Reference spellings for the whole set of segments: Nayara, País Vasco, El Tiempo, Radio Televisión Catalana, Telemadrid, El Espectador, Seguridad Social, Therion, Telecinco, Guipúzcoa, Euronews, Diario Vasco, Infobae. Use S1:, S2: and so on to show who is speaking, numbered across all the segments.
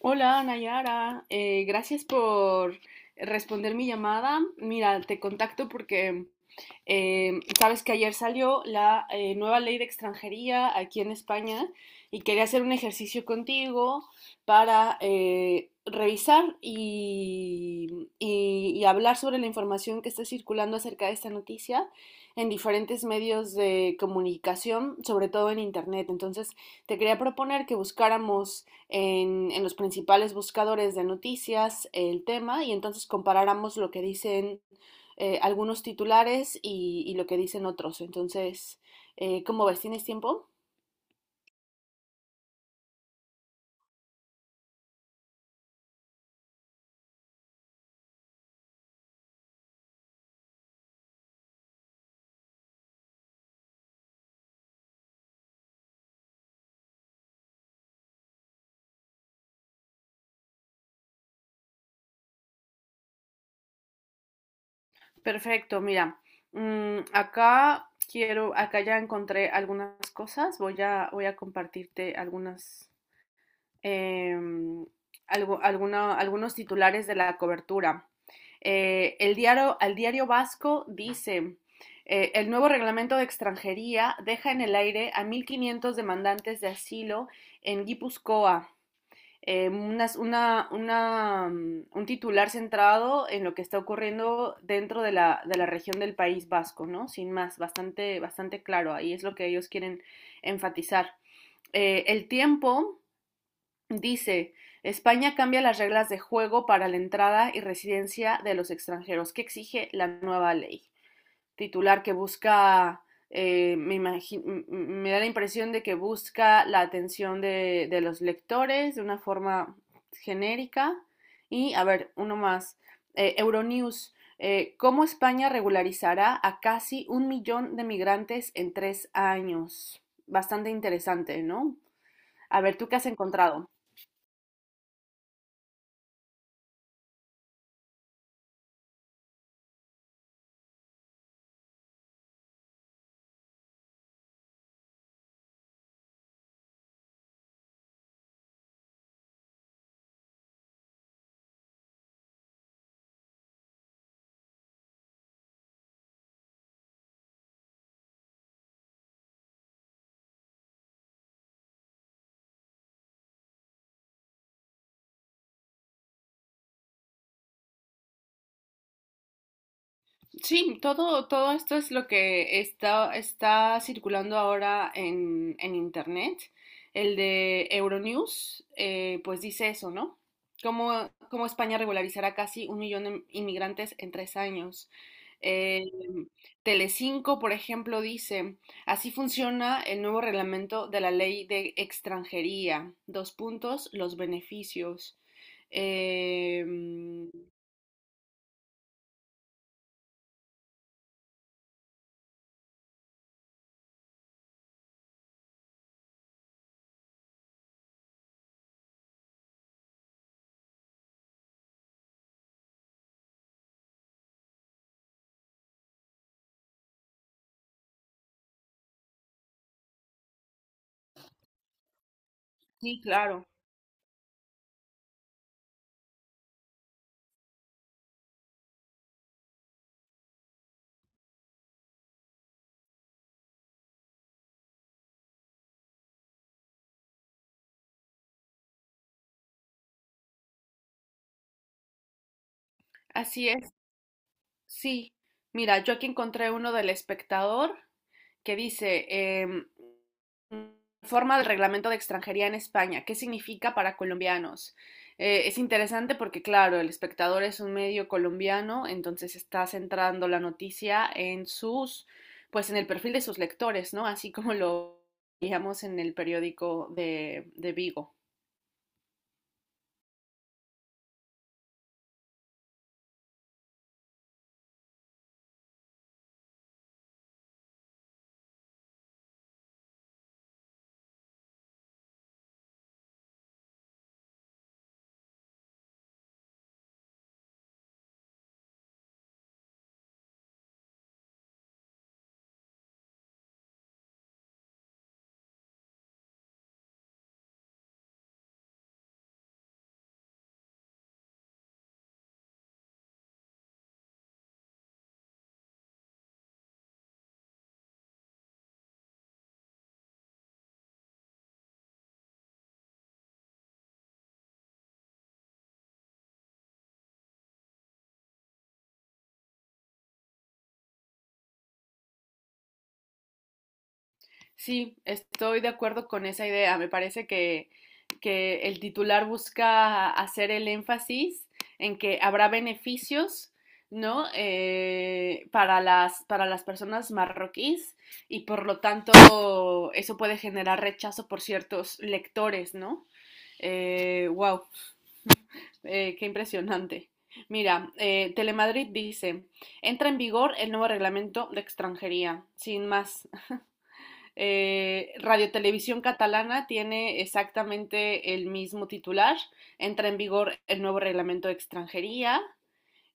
S1: Hola, Nayara. Gracias por responder mi llamada. Mira, te contacto porque sabes que ayer salió la nueva ley de extranjería aquí en España y quería hacer un ejercicio contigo para revisar y hablar sobre la información que está circulando acerca de esta noticia en diferentes medios de comunicación, sobre todo en Internet. Entonces, te quería proponer que buscáramos en los principales buscadores de noticias el tema y entonces comparáramos lo que dicen algunos titulares y lo que dicen otros. Entonces, ¿cómo ves? ¿Tienes tiempo? Perfecto, mira, acá ya encontré algunas cosas, voy a compartirte algunas em, algunos titulares de la cobertura. Al diario Vasco dice, el nuevo reglamento de extranjería deja en el aire a 1500 demandantes de asilo en Guipúzcoa. Un titular centrado en lo que está ocurriendo dentro de la región del País Vasco, ¿no? Sin más, bastante, bastante claro. Ahí es lo que ellos quieren enfatizar. El Tiempo dice: España cambia las reglas de juego para la entrada y residencia de los extranjeros que exige la nueva ley. Titular que busca, eh, me, imagi- me da la impresión de que busca la atención de los lectores de una forma genérica. Y, a ver, uno más. Euronews, ¿cómo España regularizará a casi un millón de migrantes en 3 años? Bastante interesante, ¿no? A ver, ¿tú qué has encontrado? Sí, todo esto es lo que está circulando ahora en Internet. El de Euronews, pues dice eso, ¿no? Cómo España regularizará casi un millón de inmigrantes en 3 años. Eh, Telecinco, por ejemplo, dice, así funciona el nuevo reglamento de la ley de extranjería. Dos puntos, los beneficios. Eh, sí, claro. Así es. Sí, mira, yo aquí encontré uno del espectador que dice, em, forma del reglamento de extranjería en España, ¿qué significa para colombianos? Es interesante porque, claro, el espectador es un medio colombiano, entonces está centrando la noticia pues en el perfil de sus lectores, ¿no? Así como lo veíamos en el periódico de Vigo. Sí, estoy de acuerdo con esa idea. Me parece que el titular busca hacer el énfasis en que habrá beneficios, ¿no? Para las personas marroquíes y por lo tanto eso puede generar rechazo por ciertos lectores, ¿no? Wow, qué impresionante. Mira, Telemadrid dice, entra en vigor el nuevo reglamento de extranjería, sin más. Radio Televisión Catalana tiene exactamente el mismo titular. Entra en vigor el nuevo reglamento de extranjería.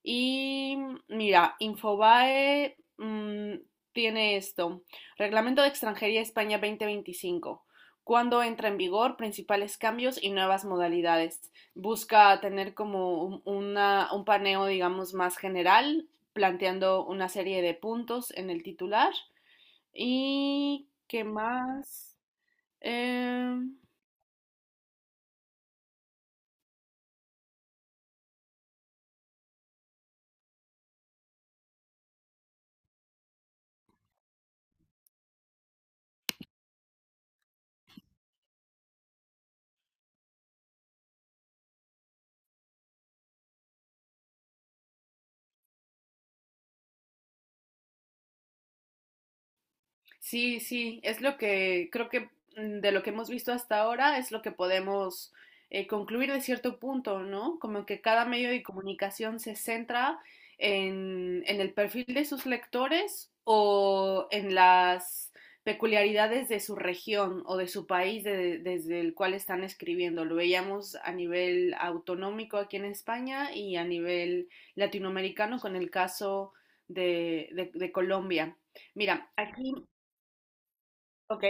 S1: Y mira, Infobae tiene esto. Reglamento de Extranjería España 2025. ¿Cuándo entra en vigor? Principales cambios y nuevas modalidades. Busca tener como un paneo, digamos, más general, planteando una serie de puntos en el titular. ¿Y qué más? Em, Sí, sí, es lo que creo que de lo que hemos visto hasta ahora es lo que podemos concluir de cierto punto, ¿no? Como que cada medio de comunicación se centra en el perfil de sus lectores o en las peculiaridades de su región o de su país desde el cual están escribiendo. Lo veíamos a nivel autonómico aquí en España y a nivel latinoamericano con el caso de Colombia. Mira, aquí. Ok.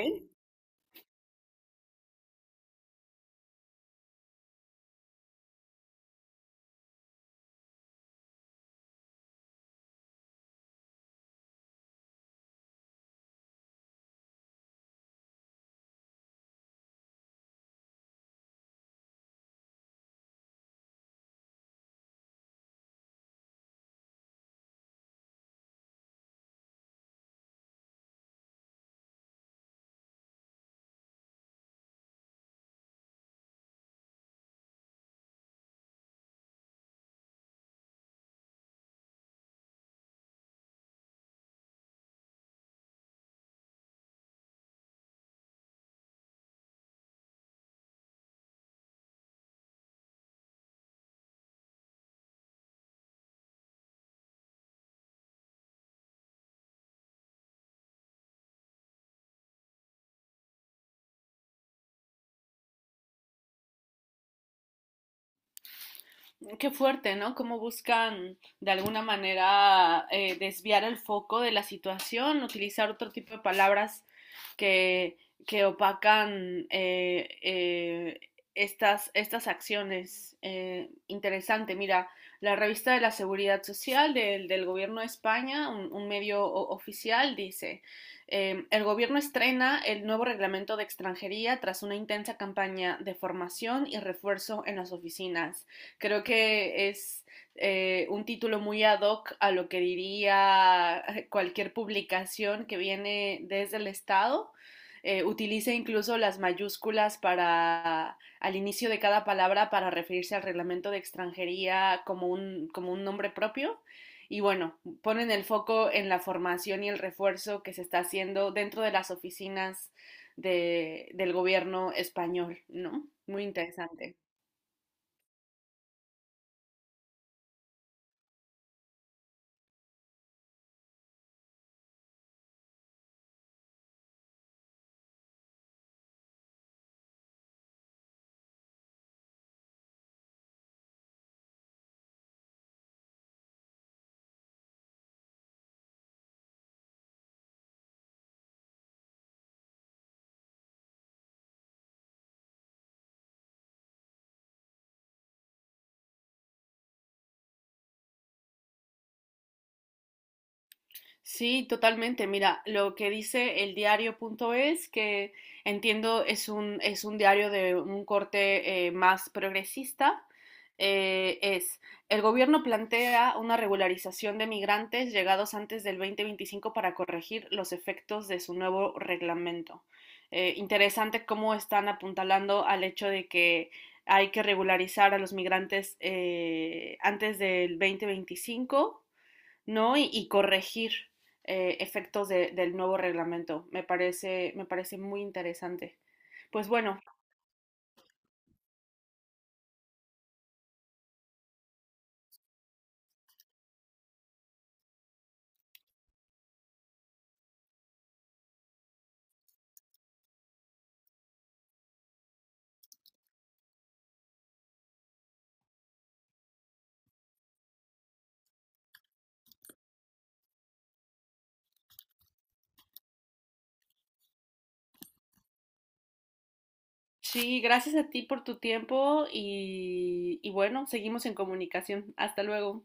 S1: Qué fuerte, ¿no? Cómo buscan de alguna manera desviar el foco de la situación, utilizar otro tipo de palabras que, que opacan estas acciones. Interesante, mira, la revista de la Seguridad Social del Gobierno de España, un medio oficial, dice, el Gobierno estrena el nuevo reglamento de extranjería tras una intensa campaña de formación y refuerzo en las oficinas. Creo que es un título muy ad hoc a lo que diría cualquier publicación que viene desde el Estado. Utiliza incluso las mayúsculas para al inicio de cada palabra para referirse al reglamento de extranjería como un nombre propio. Y bueno, ponen el foco en la formación y el refuerzo que se está haciendo dentro de las oficinas del gobierno español, ¿no? Muy interesante. Sí, totalmente. Mira, lo que dice el diario.es, que entiendo es un diario de un corte más progresista, eh, es, el gobierno plantea una regularización de migrantes llegados antes del 2025 para corregir los efectos de su nuevo reglamento. Interesante cómo están apuntalando al hecho de que hay que regularizar a los migrantes antes del 2025, ¿no? Y corregir efectos del nuevo reglamento. Me parece muy interesante. Pues bueno, sí, gracias a ti por tu tiempo y bueno, seguimos en comunicación. Hasta luego.